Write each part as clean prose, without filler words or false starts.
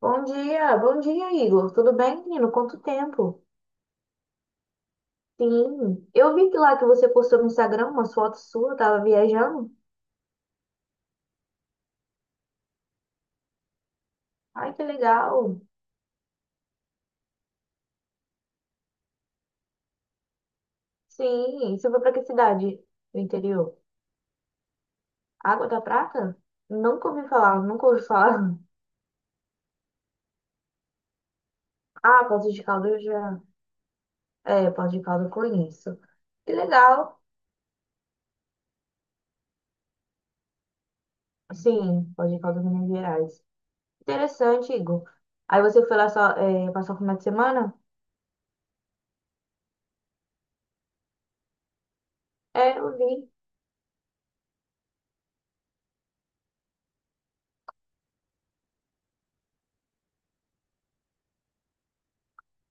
Bom dia, Igor. Tudo bem, menino? Quanto tempo? Sim, eu vi que lá que você postou no Instagram umas fotos suas, tava viajando. Ai, que legal. Sim, você foi pra que cidade do interior? Água da Prata? Nunca ouvi falar, nunca ouvi falar. Ah, Poços de Caldas eu já... É, Poços de Caldas eu conheço. Que legal. Sim, Poços de Caldas, Minas Gerais. Interessante, Igor. Aí você foi lá só, é, passar o final de semana? É, eu vi.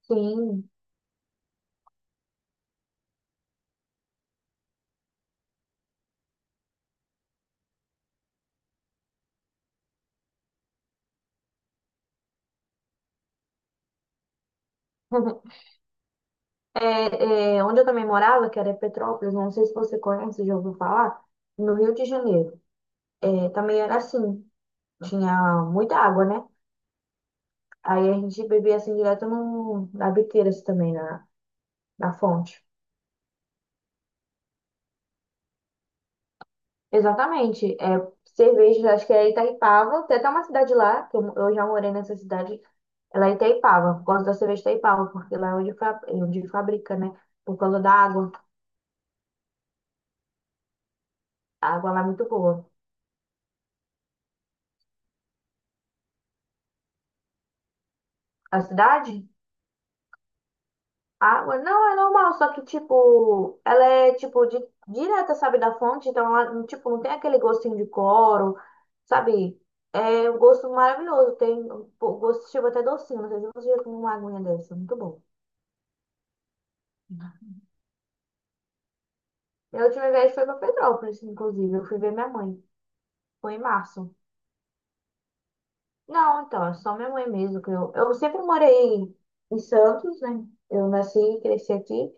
Sim. É, é, onde eu também morava, que era Petrópolis, não sei se você conhece, já ouviu falar, no Rio de Janeiro. É, também era assim, tinha muita água, né? Aí a gente bebia assim direto no, na biqueira assim, também, na, na fonte. Exatamente. É, cerveja, acho que é Itaipava, tem até uma cidade lá, que eu já morei nessa cidade, ela é Itaipava, gosto da cerveja Itaipava, porque lá é onde, é onde fabrica, né? Por causa da água. A água lá é muito boa. A cidade? Água, não, é normal, só que, tipo, ela é, tipo, direta, sabe, da fonte, então ela, tipo, não tem aquele gostinho de cloro, sabe? É um gosto maravilhoso, tem um gosto, tipo, até docinho, não sei se você já tomou uma aguinha dessa, muito bom. Minha última viagem foi pra Petrópolis, inclusive, eu fui ver minha mãe, foi em março. Não, então, é só minha mãe mesmo que eu sempre morei em Santos, né? Eu nasci e cresci aqui.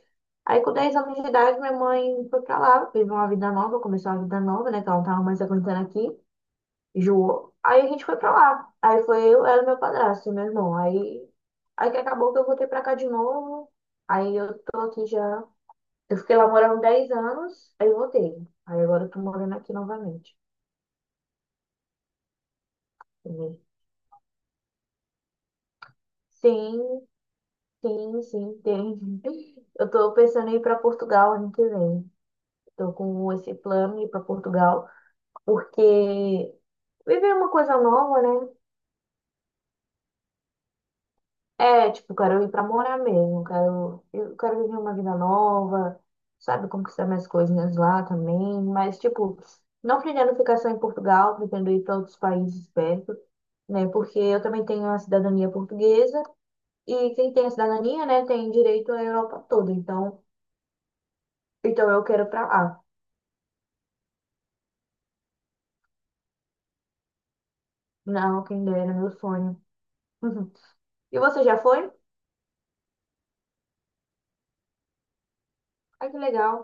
Aí com 10 anos de idade, minha mãe foi pra lá, teve uma vida nova, começou uma vida nova, né? Que ela não tava mais aguentando aqui, enjoou. Aí a gente foi pra lá. Aí foi eu, ela e meu padrasto, e meu irmão. Aí, aí que acabou que eu voltei pra cá de novo. Aí eu tô aqui já. Eu fiquei lá morando 10 anos, aí eu voltei. Aí agora eu tô morando aqui novamente. Entendeu? Sim, sim, sim, tem. Eu tô pensando em ir para Portugal ano que vem. Tô com esse plano de ir para Portugal, porque viver é uma coisa nova, né? É, tipo, quero ir para morar mesmo, quero, eu quero viver uma vida nova, sabe, conquistar minhas coisinhas lá também, mas, tipo, não pretendo ficar só em Portugal, pretendo ir para outros países perto, né? Porque eu também tenho a cidadania portuguesa e quem tem a cidadania, né, tem direito à Europa toda, então, então eu quero ir para lá. Não, quem dera, meu sonho. E você já foi? Ai, que legal.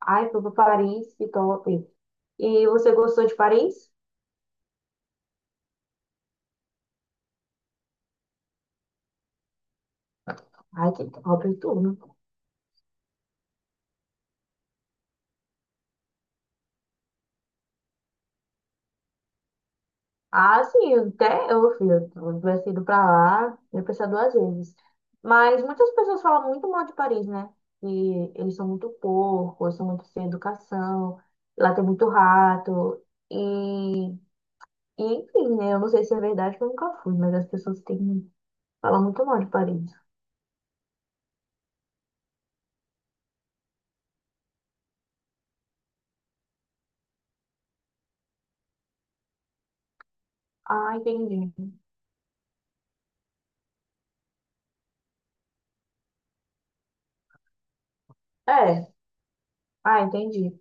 Ai, foi pra Paris, que top. E você gostou de Paris? Ai, que top tudo. Ah, sim, até eu, filho. Se eu tivesse ido pra lá, eu ia pensar duas vezes. Mas muitas pessoas falam muito mal de Paris, né? Que eles são muito porcos, são muito sem educação, lá tem muito rato. E enfim, né? Eu não sei se é verdade, porque eu nunca fui, mas as pessoas têm, falam muito mal de Paris. Ah, entendi. É, ah, entendi.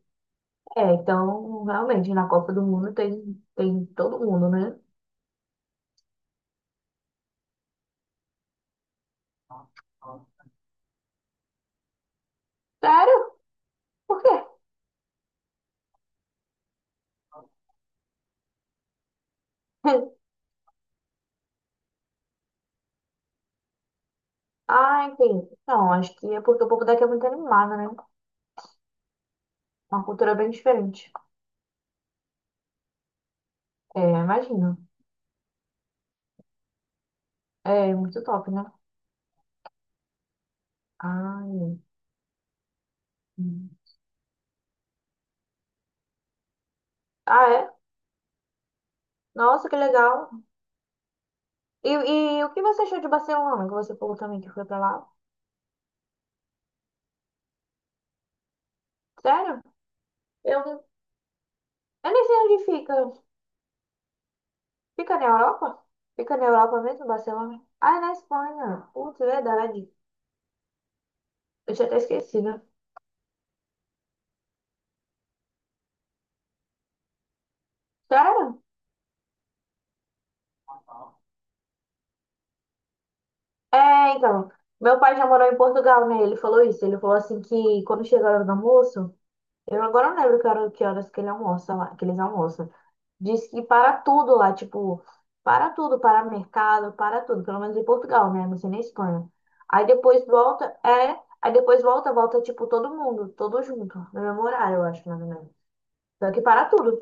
É, então, realmente, na Copa do Mundo tem, tem todo mundo, né? Sério? Por quê? Ah, enfim. Não, acho que é porque o povo daqui é muito animado, né? Uma cultura bem diferente. É, imagino. É muito top, né? Ai. Hum. Ah, é? Nossa, que legal. E o que você achou de Barcelona, que você falou também que foi pra lá? Sério? Eu, eu nem sei onde fica. Fica na Europa? Fica na Europa mesmo, Barcelona? Ah, é na Espanha. Putz, é verdade. Eu tinha até esquecido. Sério? É, então, meu pai já morou em Portugal, né? Ele falou isso. Ele falou assim que quando chega a hora do almoço, eu agora não lembro que horas que ele almoça lá, que eles almoçam. Diz que para tudo lá, tipo, para tudo, para mercado, para tudo, pelo menos em Portugal, né? Não sei na Espanha. Aí depois volta, é, aí depois volta, volta tipo todo mundo, todo junto, no mesmo horário, eu acho, mais ou menos. Só que para tudo.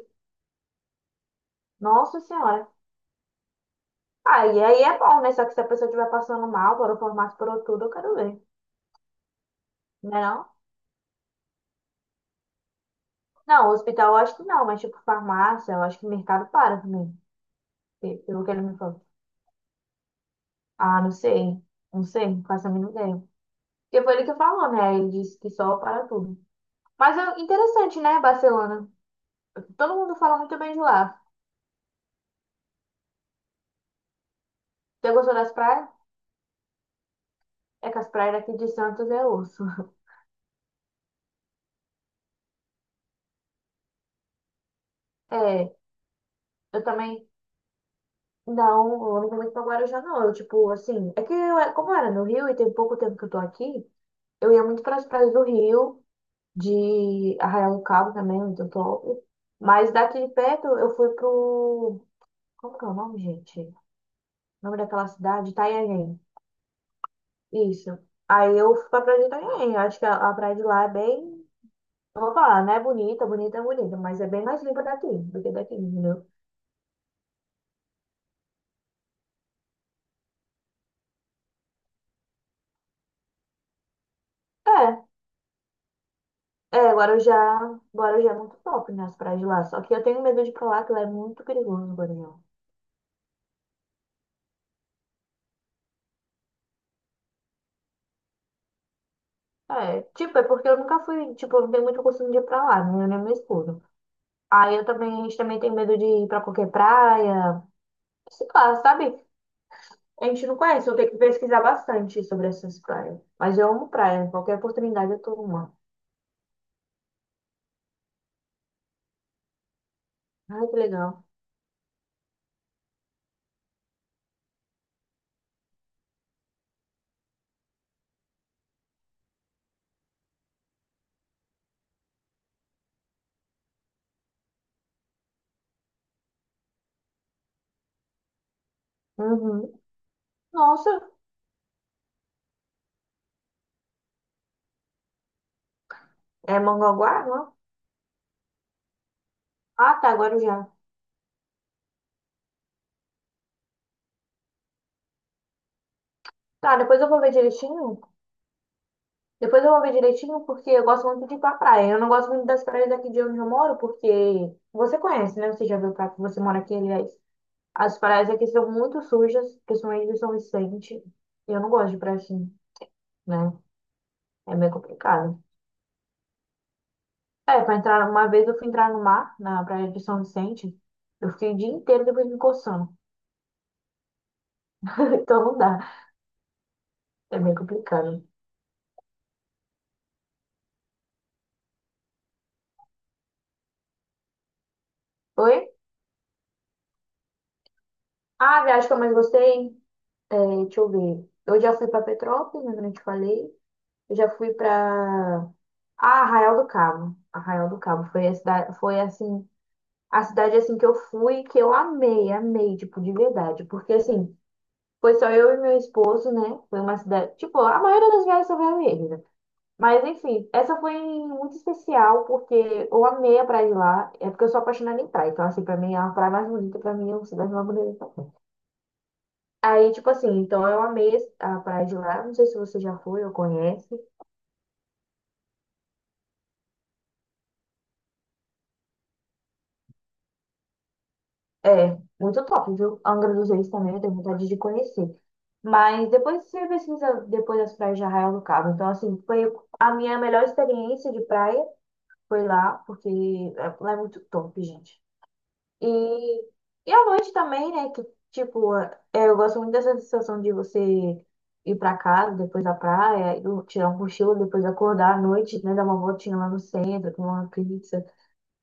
Nossa Senhora. Aí, aí é bom, né? Só que se a pessoa estiver passando mal, por o formato, por tudo, eu quero ver. Né não? Não, hospital eu acho que não, mas tipo farmácia, eu acho que mercado para também, pelo que ele me falou. Ah, não sei, não sei, não faço a mínima ideia. Porque foi ele que falou, né? Ele disse que só para tudo. Mas é interessante, né, Barcelona? Todo mundo fala muito bem de lá. Você gostou das praias? É que as praias daqui de Santos é osso. É, eu também. Não, eu não vou muito pra Guarujá, não. Eu, tipo, assim, é que eu, como eu era no Rio e tem pouco tempo que eu tô aqui, eu ia muito para as praias do Rio. De Arraial do Cabo também, muito top. Mas daqui de perto eu fui pro. Como que é o nome, gente? O nome daquela cidade? Itanhaém. Isso. Aí eu fui pra praia de Itanhaém. Acho que a praia de lá é bem. Eu vou falar, né? Bonita, bonita, bonita, mas é bem mais limpa daqui do que daqui, entendeu? É, é, Guarujá, Guarujá é muito top, né? As praias de lá. Só que eu tenho medo de ir pra lá, que lá é muito perigoso, Guarujá. É, tipo, é porque eu nunca fui, tipo, eu não tenho muito costume de ir pra lá, né? Eu nem meu esposo. Aí eu também, a gente também tem medo de ir pra qualquer praia. Sei lá, sabe? A gente não conhece, eu tenho que pesquisar bastante sobre essas praias. Mas eu amo praia, qualquer oportunidade eu tô numa. Ai, que legal. Uhum. Nossa, é Mongaguá, não? É? Ah, tá, Guarujá. Tá, depois eu vou ver direitinho. Depois eu vou ver direitinho porque eu gosto muito de ir pra praia. Eu não gosto muito das praias daqui de onde eu moro porque você conhece, né? Você já viu pra que você mora aqui, aliás. As praias aqui são muito sujas, principalmente de São Vicente. E eu não gosto de praia assim. Né? É meio complicado. É, pra entrar, uma vez eu fui entrar no mar, na praia de São Vicente, eu fiquei o dia inteiro depois me coçando. Então não dá, é meio complicado. Oi? Ah, a viagem que eu mais gostei, eh, deixa eu ver. Eu já fui pra Petrópolis, né, como eu te falei. Eu já fui pra ah, Arraial do Cabo. Arraial do Cabo foi a cidade, foi assim, a cidade assim que eu fui, que eu amei, amei, tipo, de verdade, porque assim, foi só eu e meu esposo, né? Foi uma cidade, tipo, a maioria das viagens só vai eu e ele, né? Mas enfim, essa foi muito especial porque eu amei a praia de lá. É porque eu sou apaixonada em praia. Então, assim, pra mim, é a praia mais bonita, pra mim, é uma cidade mais bonita. Então. Aí, tipo assim, então eu amei a praia de lá. Não sei se você já foi ou conhece. É, muito top, viu? Angra dos Reis também, eu tenho vontade de conhecer. Mas depois você pesquisa depois das praias de Arraial do Cabo. Então, assim, foi a minha melhor experiência de praia. Foi lá, porque é, lá é muito top, gente. E, e à noite também, né? Que, tipo, é, eu gosto muito dessa sensação de você ir pra casa, depois da praia, eu tirar um cochilo, depois acordar à noite, né? Dar uma voltinha lá no centro, comer uma pizza.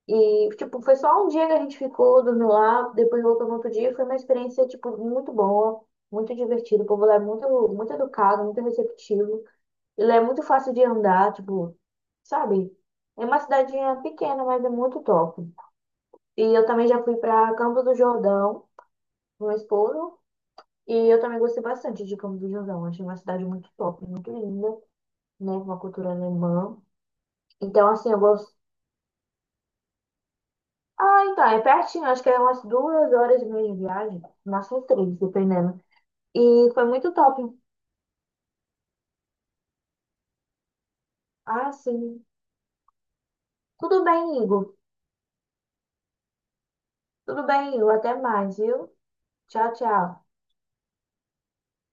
E, tipo, foi só um dia que a gente ficou, dormiu lá, depois voltou no outro dia. Foi uma experiência, tipo, muito boa, muito divertida. O povo lá é muito, muito educado, muito receptivo. E lá é muito fácil de andar, tipo, sabe? É uma cidadinha pequena, mas é muito top. E eu também já fui para Campo do Jordão, no Estouro, e eu também gostei bastante de Campo do Jordão. Achei uma cidade muito top, muito linda, né? Com uma cultura alemã. Então, assim, eu gosto. Ah, então, é pertinho, acho que é umas 2 horas e meia de viagem, máximo 3, dependendo. E foi muito top. Ah, sim. Tudo bem, Igor. Tudo bem, Igor. Até mais, viu? Tchau, tchau.